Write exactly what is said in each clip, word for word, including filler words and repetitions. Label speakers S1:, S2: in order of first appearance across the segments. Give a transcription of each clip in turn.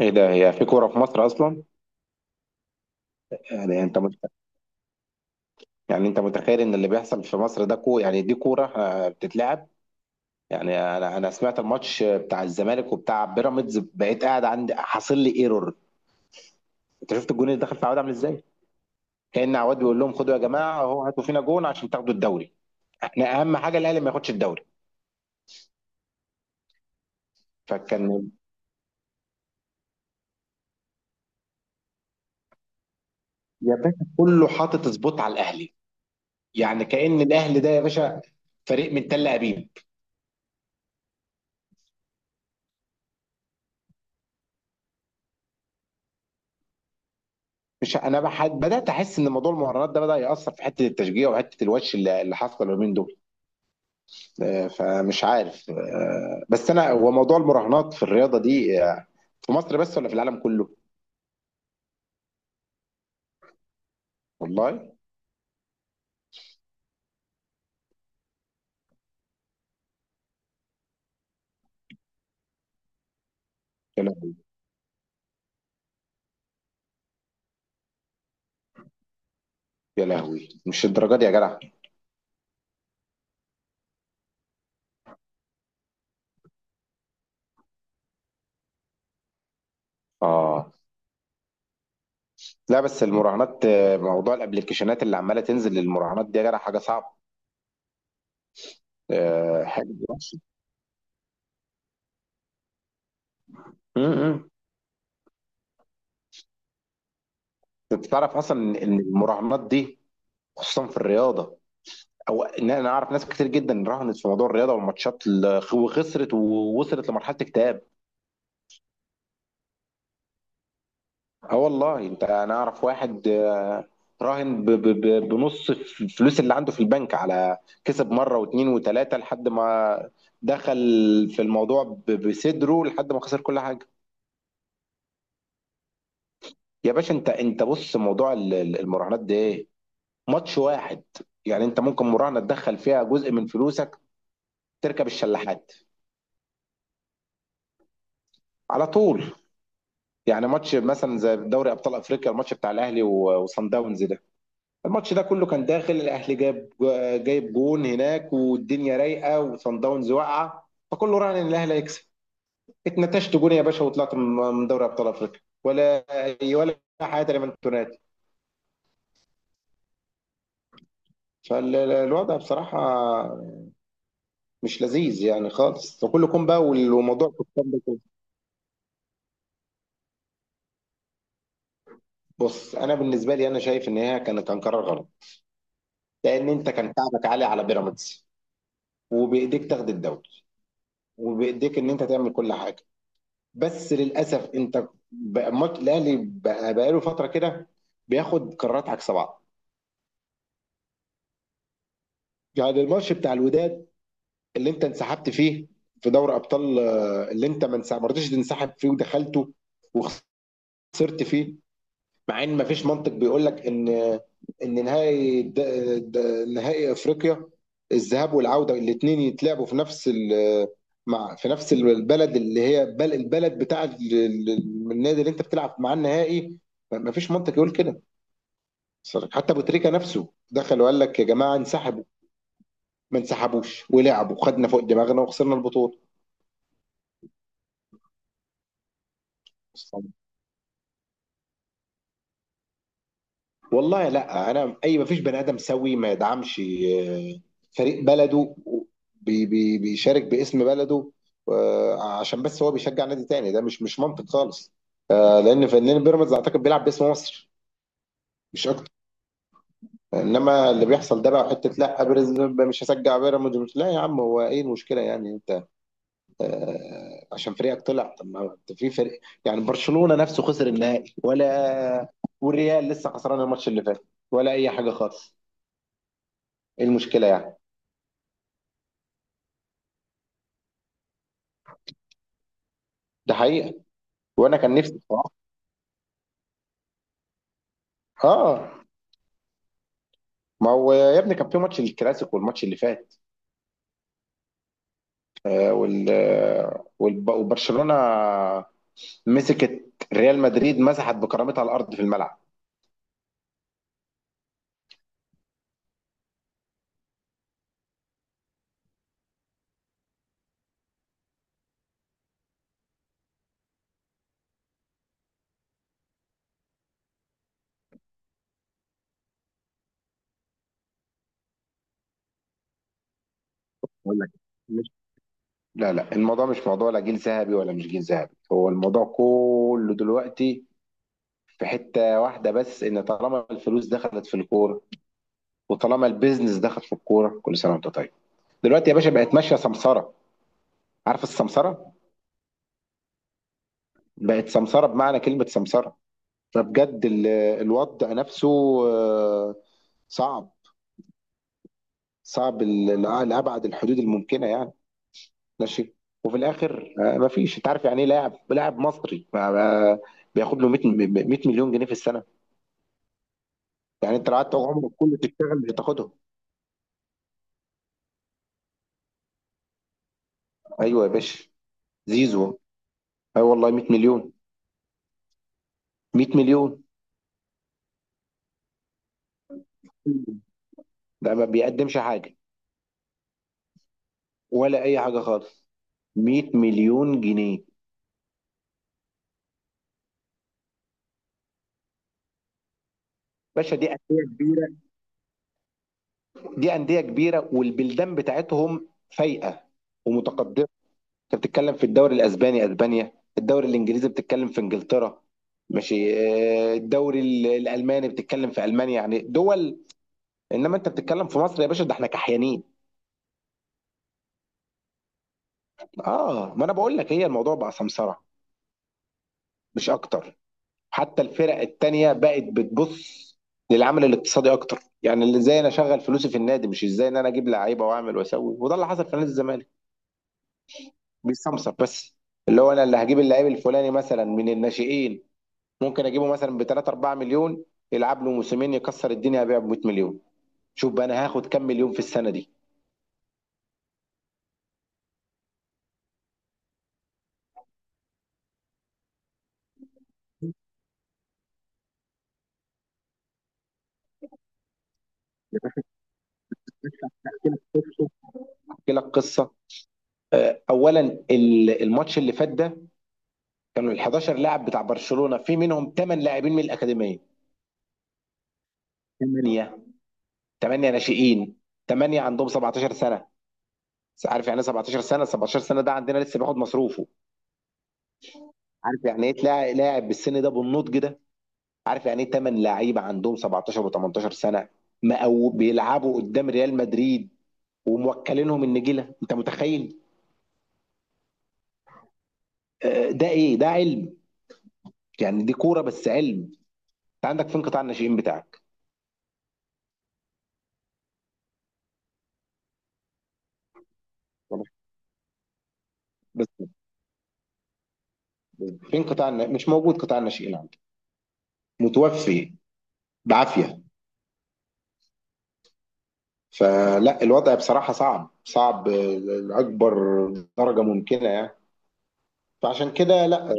S1: ايه ده؟ هي في كوره في مصر اصلا؟ يعني انت مت... يعني انت متخيل ان اللي بيحصل في مصر ده كو، يعني دي كوره، آه، بتتلعب؟ يعني انا انا سمعت الماتش بتاع الزمالك وبتاع بيراميدز، بقيت قاعد عندي حاصل لي ايرور. انت شفت الجون اللي دخل في عواد عامل ازاي؟ كأن عواد بيقول لهم خدوا يا جماعه اهو، هاتوا فينا جون عشان تاخدوا الدوري. احنا اهم حاجه الاهلي ما ياخدش الدوري. فكان، يا باشا كله حاطط سبوت على الاهلي. يعني كأن الاهلي ده يا باشا فريق من تل ابيب. مش انا بحد، بدات احس ان موضوع المهارات ده بدا ياثر في حته التشجيع وحته الوش اللي اللي حاصله اليومين دول. آه، فمش عارف. آه، بس انا، هو موضوع المراهنات في الرياضه دي آه، في مصر بس ولا في العالم كله؟ والله. يا لهوي، يا لهوي، مش الدرجه دي يا جدع. اه، لا بس المراهنات، آه، موضوع الابلكيشنات اللي عماله تنزل للمراهنات دي يا جدع حاجه صعبه. آه، حاجه وحشه. م- م. انت تعرف اصلا ان المراهنات دي، خصوصا في الرياضه، او ان انا اعرف ناس كتير جدا راهنت في موضوع الرياضه والماتشات ال- وخسرت ووصلت لمرحله اكتئاب. اه والله، انت، انا اعرف واحد آه، راهن ب- ب- ب- بنص الفلوس اللي عنده في البنك، على كسب مره واثنين وثلاثه، لحد ما دخل في الموضوع ب- بصدره، لحد ما خسر كل حاجه. يا باشا، انت انت بص، موضوع ال- ال- المراهنات ده ايه؟ ماتش واحد، يعني انت ممكن مراهنه تدخل فيها جزء من فلوسك، تركب الشلاحات على طول. يعني ماتش مثلا زي دوري ابطال افريقيا، الماتش بتاع الاهلي و- وصن داونز ده. الماتش ده كله كان داخل الاهلي جايب جو- جايب جون هناك والدنيا رايقه وصن داونز واقعه، فكله راهن ان الاهلي هيكسب. اتنتشت جون يا باشا، وطلعت من من دوري ابطال افريقيا، ولا ولا حاجه لمن تنادي. فالوضع بصراحه مش لذيذ يعني خالص، وكلكم بقى، وال- وموضوع الحكام ده كله. بص انا بالنسبه لي، انا شايف ان هي كان، كان قرار غلط. لان انت كان تعبك عالي على بيراميدز، وبايديك تاخد الدوري، وبايديك ان انت تعمل كل حاجه. بس للاسف انت بقى، ماتش الاهلي بقى بقاله فتره كده بياخد قرارات عكس بعض. يعني الماتش بتاع الوداد اللي انت انسحبت فيه في دوري ابطال، آه، اللي انت ما انسحب- ما رضيتش تنسحب فيه ودخلته وخسرت فيه. مع ان مفيش منطق بيقول لك ان، ان نهائي د... د... نهائي افريقيا، الذهاب والعوده الاثنين يتلعبوا في نفس ال... مع في نفس البلد اللي هي بل... البلد بتاع ال... ال- النادي اللي انت بتلعب معاه النهائي. ما فيش منطق يقول كده صراحة. حتى ابو تريكه نفسه دخل وقال لك يا جماعه انسحبوا، ما انسحبوش ولعبوا، خدنا فوق دماغنا وخسرنا البطوله. والله لا، انا اي ما فيش بني ادم سوي ما يدعمش آه، فريق بلده. بي بي بيشارك باسم بلده آه، عشان بس هو بيشجع نادي تاني، ده مش مش منطق خالص. آه، لان لان بيراميدز اعتقد بيلعب باسم مصر، مش اكتر. انما اللي بيحصل ده بقى حته، لا بيراميدز، مش هشجع بيراميدز مش، لا يا عم، هو ايه المشكله يعني؟ انت آه، عشان فريقك طلع، طب ما انت في فريق، يعني برشلونه نفسه خسر النهائي، ولا والريال لسه خسران الماتش اللي فات، ولا اي حاجه خالص. ايه المشكله يعني؟ ده حقيقه. وانا كان نفسي بصراحه. اه، ما هو يا ابني كان في ماتش الكلاسيكو والماتش اللي فات، آه وال آه، والب- وبرشلونه مسكت، ريال مدريد مسحت بكرامتها الارض في الملعب. أقول لك، مش- لا لا، الموضوع مش موضوع لا جيل ذهبي ولا مش جيل ذهبي. هو الموضوع كله دلوقتي في حته واحده بس، ان طالما الفلوس دخلت في الكوره، وطالما البيزنس دخل في الكوره، كل سنه وانت طيب. دلوقتي يا باشا بقت ماشيه سمسره، عارف السمسره؟ بقت سمسرة بمعنى كلمة سمسرة. فبجد ال- الوضع نفسه آه، صعب، صعب ل- لأبعد الحدود الممكنة يعني. ماشي. وفي الآخر، آه، مفيش، أنت عارف يعني إيه؟ لاعب لاعب مصري ما- ما- بياخد له مية م- 100 مليون جنيه في السنة. يعني أنت لو قعدت عمرك كله تشتغل مش هتاخدهم. أيوه يا باشا. زيزو، أي والله 100 مليون. 100 مليون؟ ده ما بيقدمش حاجة، ولا أي حاجة خالص. 100 مليون جنيه. باشا دي أندية، دي انديه كبيره والبلدان بتاعتهم فايقه ومتقدمه. انت بتتكلم في الدوري الاسباني، اسبانيا. الدوري الانجليزي بتتكلم في انجلترا. ماشي. آه، الدوري ال- الالماني بتتكلم في المانيا. يعني دول. انما انت بتتكلم في مصر يا باشا، ده احنا كحيانين. اه، ما انا بقول لك، هي الموضوع بقى سمسره، مش اكتر. حتى الفرق التانيه بقت بتبص للعمل الاقتصادي اكتر، يعني اللي ازاي انا اشغل فلوسي في النادي، مش ازاي ان انا اجيب لعيبه واعمل واسوي. وده اللي حصل في نادي الزمالك، بيستمسك بس اللي هو انا اللي هجيب اللعيب الفلاني مثلا من الناشئين، ممكن اجيبه مثلا ب ثلاثة 4 مليون، يلعب له موسمين يكسر الدنيا، ابيعه ب 100 مليون. شوف بقى انا هاخد كام مليون في السنه دي. احكي لك قصه. آه، اولا ال- الماتش اللي فات ده، كانوا ال 11 لاعب بتاع برشلونه، في منهم 8 لاعبين من الاكاديميه. تمانية، 8 ناشئين، تمانية عندهم سبعتاشر سنة سنه. عارف يعني ايه سبعتاشر سنة سنه؟ سبعتاشر سنة سنه ده عندنا لسه بياخد مصروفه. عارف يعني ايه تلاقي لاعب بالسن ده، بالنضج ده؟ عارف يعني ايه تمن لعيبة لعيبه عندهم سبعتاشر و18 سنه، مقو بيلعبوا قدام ريال مدريد وموكلينهم النجيله؟ انت متخيل؟ آه، ده ايه؟ ده علم. يعني دي كوره بس علم. انت عندك فين قطاع الناشئين بتاعك؟ بس فين قطاع النا- مش موجود قطاع الناشئين عندك، متوفي بعافيه. فلا الوضع بصراحه صعب، صعب آه، لاكبر درجه ممكنه يعني. فعشان كده لا.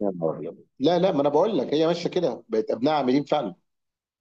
S1: يا نهار أبيض، لا لا، ما انا بقول لك هي ماشيه كده بقت ابناء عاملين فعلا.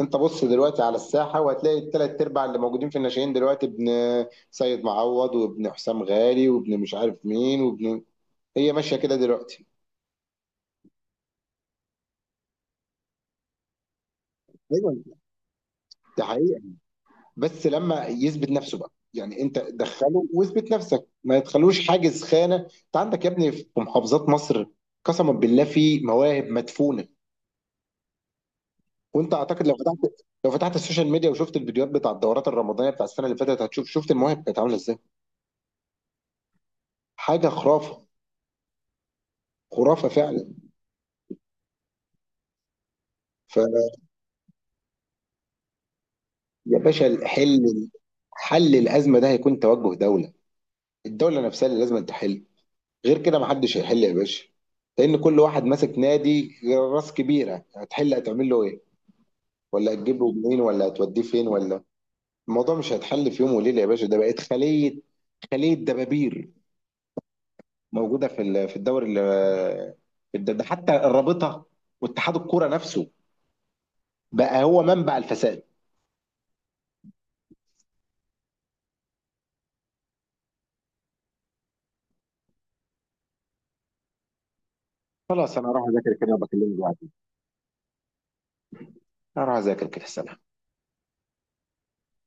S1: انت بص دلوقتي على الساحه، وهتلاقي الثلاث ارباع اللي موجودين في الناشئين دلوقتي ابن سيد معوض، وابن حسام غالي، وابن مش عارف مين، وابن. هي ماشيه كده دلوقتي. ايوه، ده حقيقة. بس لما يثبت نفسه بقى، يعني انت دخله واثبت نفسك، ما تخلوش حاجز خانه. انت عندك يا ابني في محافظات مصر قسما بالله في مواهب مدفونه. وانت اعتقد لو فتحت لو فتحت السوشيال ميديا وشفت الفيديوهات بتاع الدورات الرمضانيه بتاع السنه اللي فاتت، هتشوف، شفت المواهب كانت عامله ازاي. حاجه خرافه، خرافه فعلا. يا باشا، حل. حل الازمه ده هيكون توجه دوله، الدوله نفسها اللي لازم تحل. غير كده محدش هيحل يا باشا، لان كل واحد ماسك نادي، راس كبيره، هتحل هتعمل له ايه؟ ولا هتجيب له منين؟ ولا هتوديه فين؟ ولا الموضوع مش هيتحل في يوم وليله يا باشا. ده بقت خليه، خليه دبابير موجوده في ال- في الدوري ال- في الد- ده حتى الرابطه واتحاد الكوره نفسه بقى هو منبع الفساد. خلاص انا اروح اذاكر كده، وبكلمك بعدين. اروح اذاكر كده، سلام.